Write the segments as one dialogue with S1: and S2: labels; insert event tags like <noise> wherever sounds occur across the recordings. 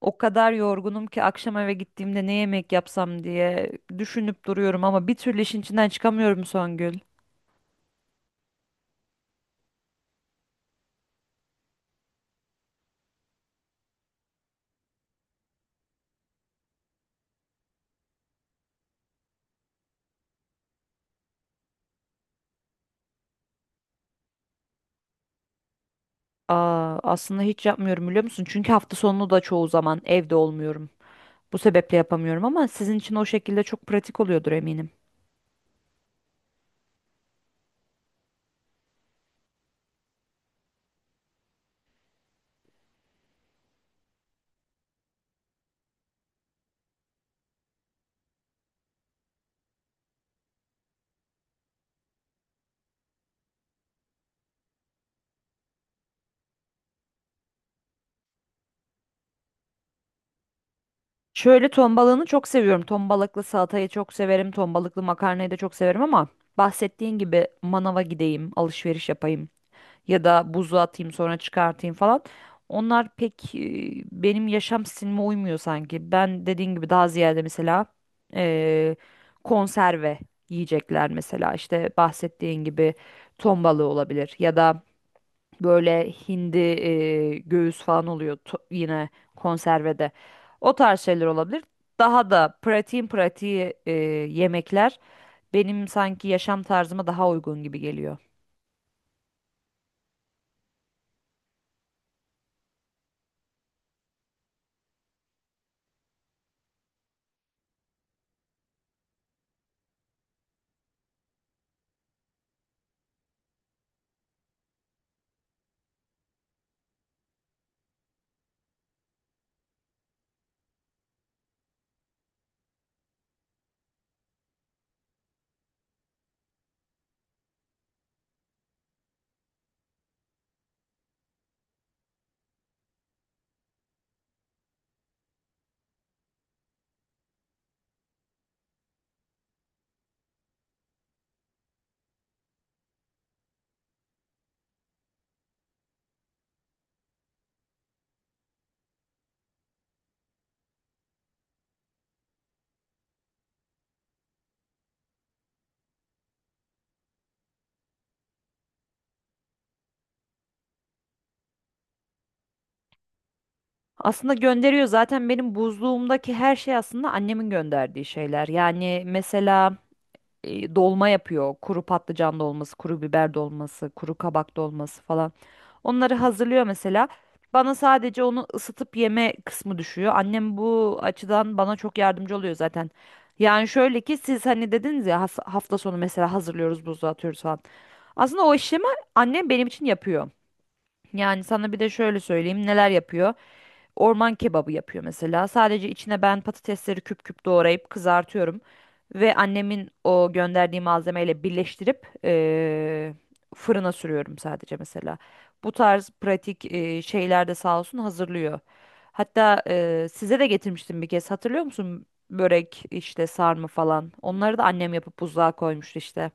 S1: O kadar yorgunum ki akşam eve gittiğimde ne yemek yapsam diye düşünüp duruyorum ama bir türlü işin içinden çıkamıyorum, Songül. Aa, aslında hiç yapmıyorum, biliyor musun? Çünkü hafta sonu da çoğu zaman evde olmuyorum. Bu sebeple yapamıyorum ama sizin için o şekilde çok pratik oluyordur, eminim. Şöyle, ton balığını çok seviyorum. Ton balıklı salatayı çok severim. Ton balıklı makarnayı da çok severim ama bahsettiğin gibi manava gideyim, alışveriş yapayım ya da buza atayım, sonra çıkartayım falan. Onlar pek benim yaşam stilime uymuyor sanki. Ben dediğin gibi daha ziyade mesela e, konserve yiyecekler, mesela işte bahsettiğin gibi ton balığı olabilir ya da böyle hindi göğüs falan oluyor yine konservede. O tarz şeyler olabilir. Daha da pratiğin pratiği yemekler benim sanki yaşam tarzıma daha uygun gibi geliyor. Aslında gönderiyor, zaten benim buzluğumdaki her şey aslında annemin gönderdiği şeyler. Yani mesela dolma yapıyor. Kuru patlıcan dolması, kuru biber dolması, kuru kabak dolması falan. Onları hazırlıyor mesela. Bana sadece onu ısıtıp yeme kısmı düşüyor. Annem bu açıdan bana çok yardımcı oluyor zaten. Yani şöyle ki siz hani dediniz ya, hafta sonu mesela hazırlıyoruz, buzluğa atıyoruz falan. Aslında o işlemi annem benim için yapıyor. Yani sana bir de şöyle söyleyeyim neler yapıyor. Orman kebabı yapıyor mesela. Sadece içine ben patatesleri küp küp doğrayıp kızartıyorum. Ve annemin o gönderdiği malzemeyle birleştirip fırına sürüyorum sadece mesela. Bu tarz pratik şeyler de sağ olsun hazırlıyor. Hatta size de getirmiştim bir kez, hatırlıyor musun? Börek işte, sarma falan. Onları da annem yapıp buzluğa koymuştu işte.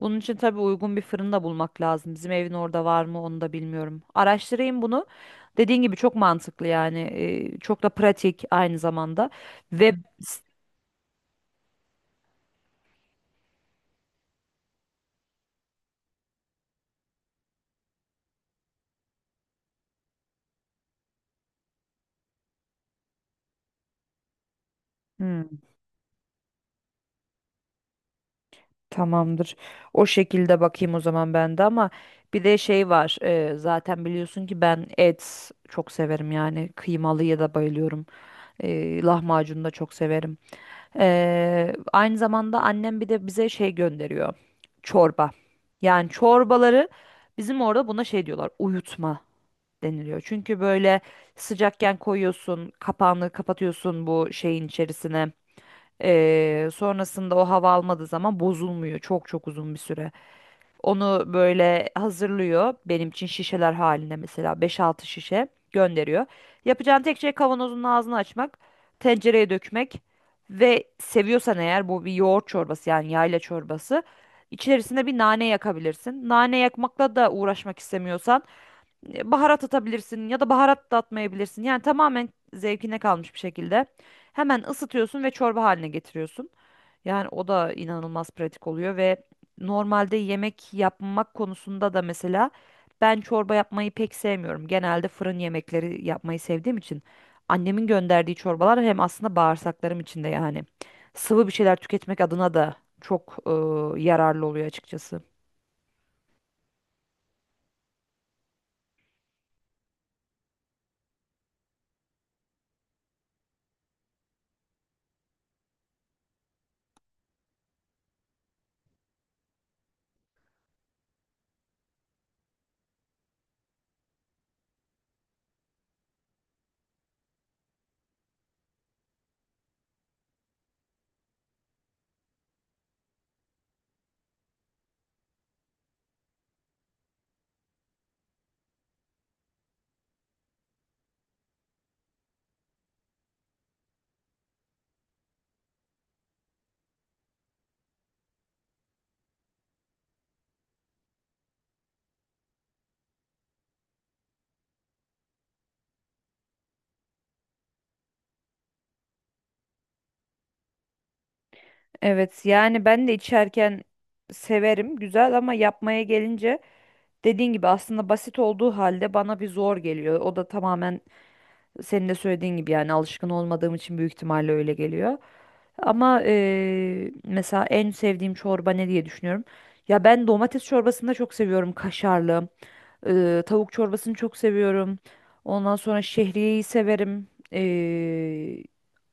S1: Bunun için tabii uygun bir fırın da bulmak lazım. Bizim evin orada var mı onu da bilmiyorum. Araştırayım bunu. Dediğin gibi çok mantıklı yani. Çok da pratik aynı zamanda. Ve hmm. Tamamdır. O şekilde bakayım o zaman ben de ama bir de şey var. Zaten biliyorsun ki ben et çok severim, yani kıymalıya da bayılıyorum. Lahmacun da çok severim. Aynı zamanda annem bir de bize şey gönderiyor. Çorba. Yani çorbaları bizim orada buna şey diyorlar. Uyutma deniliyor. Çünkü böyle sıcakken koyuyorsun, kapağını kapatıyorsun bu şeyin içerisine. Sonrasında o hava almadığı zaman bozulmuyor çok çok uzun bir süre. Onu böyle hazırlıyor benim için şişeler halinde, mesela 5-6 şişe gönderiyor. Yapacağın tek şey kavanozun ağzını açmak, tencereye dökmek ve seviyorsan eğer, bu bir yoğurt çorbası, yani yayla çorbası. İçerisine bir nane yakabilirsin. Nane yakmakla da uğraşmak istemiyorsan baharat atabilirsin ya da baharat da atmayabilirsin. Yani tamamen zevkine kalmış bir şekilde. Hemen ısıtıyorsun ve çorba haline getiriyorsun. Yani o da inanılmaz pratik oluyor ve normalde yemek yapmak konusunda da mesela ben çorba yapmayı pek sevmiyorum. Genelde fırın yemekleri yapmayı sevdiğim için annemin gönderdiği çorbalar hem aslında bağırsaklarım içinde, yani sıvı bir şeyler tüketmek adına da çok yararlı oluyor açıkçası. Evet, yani ben de içerken severim, güzel, ama yapmaya gelince dediğin gibi aslında basit olduğu halde bana bir zor geliyor. O da tamamen senin de söylediğin gibi, yani alışkın olmadığım için büyük ihtimalle öyle geliyor. Ama mesela en sevdiğim çorba ne diye düşünüyorum. Ya ben domates çorbasını da çok seviyorum, kaşarlı. Tavuk çorbasını çok seviyorum. Ondan sonra şehriyeyi severim.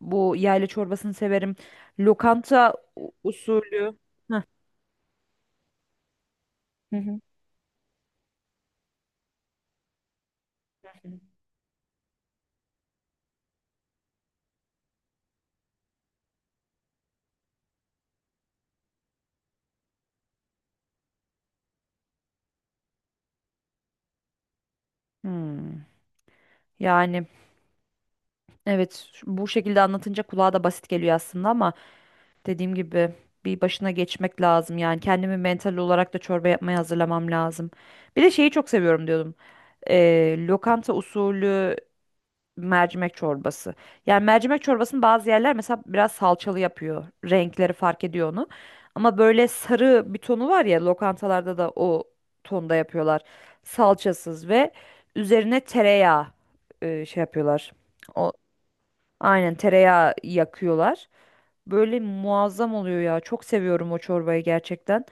S1: Bu yayla çorbasını severim. Lokanta usulü. Heh. Hı hı. Hmm. Yani. Evet, bu şekilde anlatınca kulağa da basit geliyor aslında ama dediğim gibi bir başına geçmek lazım. Yani kendimi mental olarak da çorba yapmaya hazırlamam lazım. Bir de şeyi çok seviyorum diyordum. Lokanta usulü mercimek çorbası. Yani mercimek çorbasını bazı yerler mesela biraz salçalı yapıyor. Renkleri fark ediyor onu. Ama böyle sarı bir tonu var ya, lokantalarda da o tonda yapıyorlar. Salçasız ve üzerine tereyağı şey yapıyorlar. Aynen, tereyağı yakıyorlar. Böyle muazzam oluyor ya. Çok seviyorum o çorbayı, gerçekten.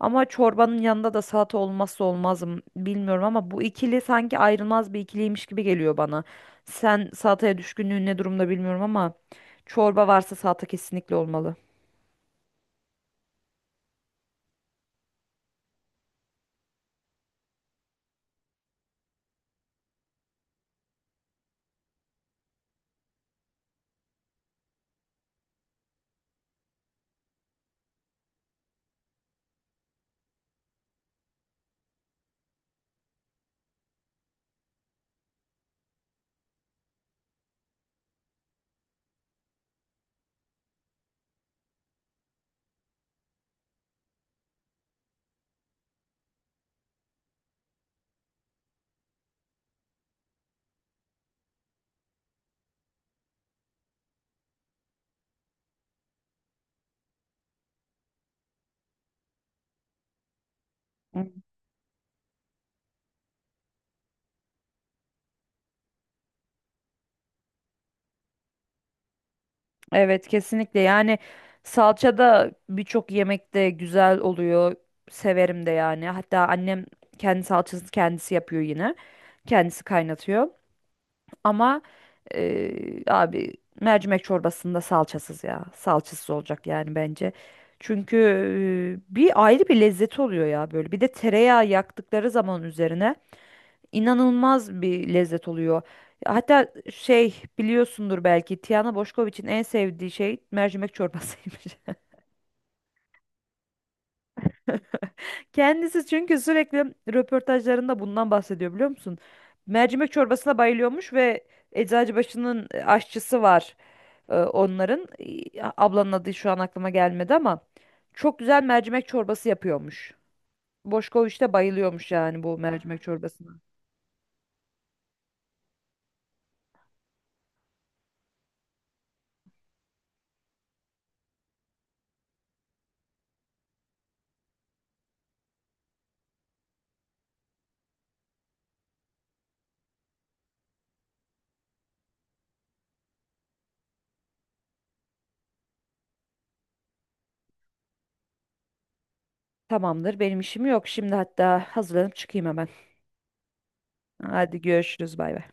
S1: Ama çorbanın yanında da salata olmazsa olmazım, bilmiyorum ama bu ikili sanki ayrılmaz bir ikiliymiş gibi geliyor bana. Sen salataya düşkünlüğün ne durumda bilmiyorum ama çorba varsa salata kesinlikle olmalı. Hı. Evet, kesinlikle yani salça da birçok yemekte güzel oluyor. Severim de yani. Hatta annem kendi salçasını kendisi yapıyor yine. Kendisi kaynatıyor. Ama abi, mercimek çorbasında salçasız ya. Salçasız olacak yani bence. Çünkü bir ayrı bir lezzet oluyor ya böyle. Bir de tereyağı yaktıkları zaman üzerine inanılmaz bir lezzet oluyor. Hatta şey, biliyorsundur belki, Tiana Boşkoviç'in en sevdiği şey mercimek çorbasıymış. <laughs> Kendisi çünkü sürekli röportajlarında bundan bahsediyor, biliyor musun? Mercimek çorbasına bayılıyormuş ve Eczacıbaşı'nın aşçısı var. Onların ablanın adı şu an aklıma gelmedi ama çok güzel mercimek çorbası yapıyormuş. Boşkoviç de bayılıyormuş yani bu mercimek çorbasına. Tamamdır, benim işim yok. Şimdi hatta hazırlanıp çıkayım hemen. Hadi görüşürüz, bay bay.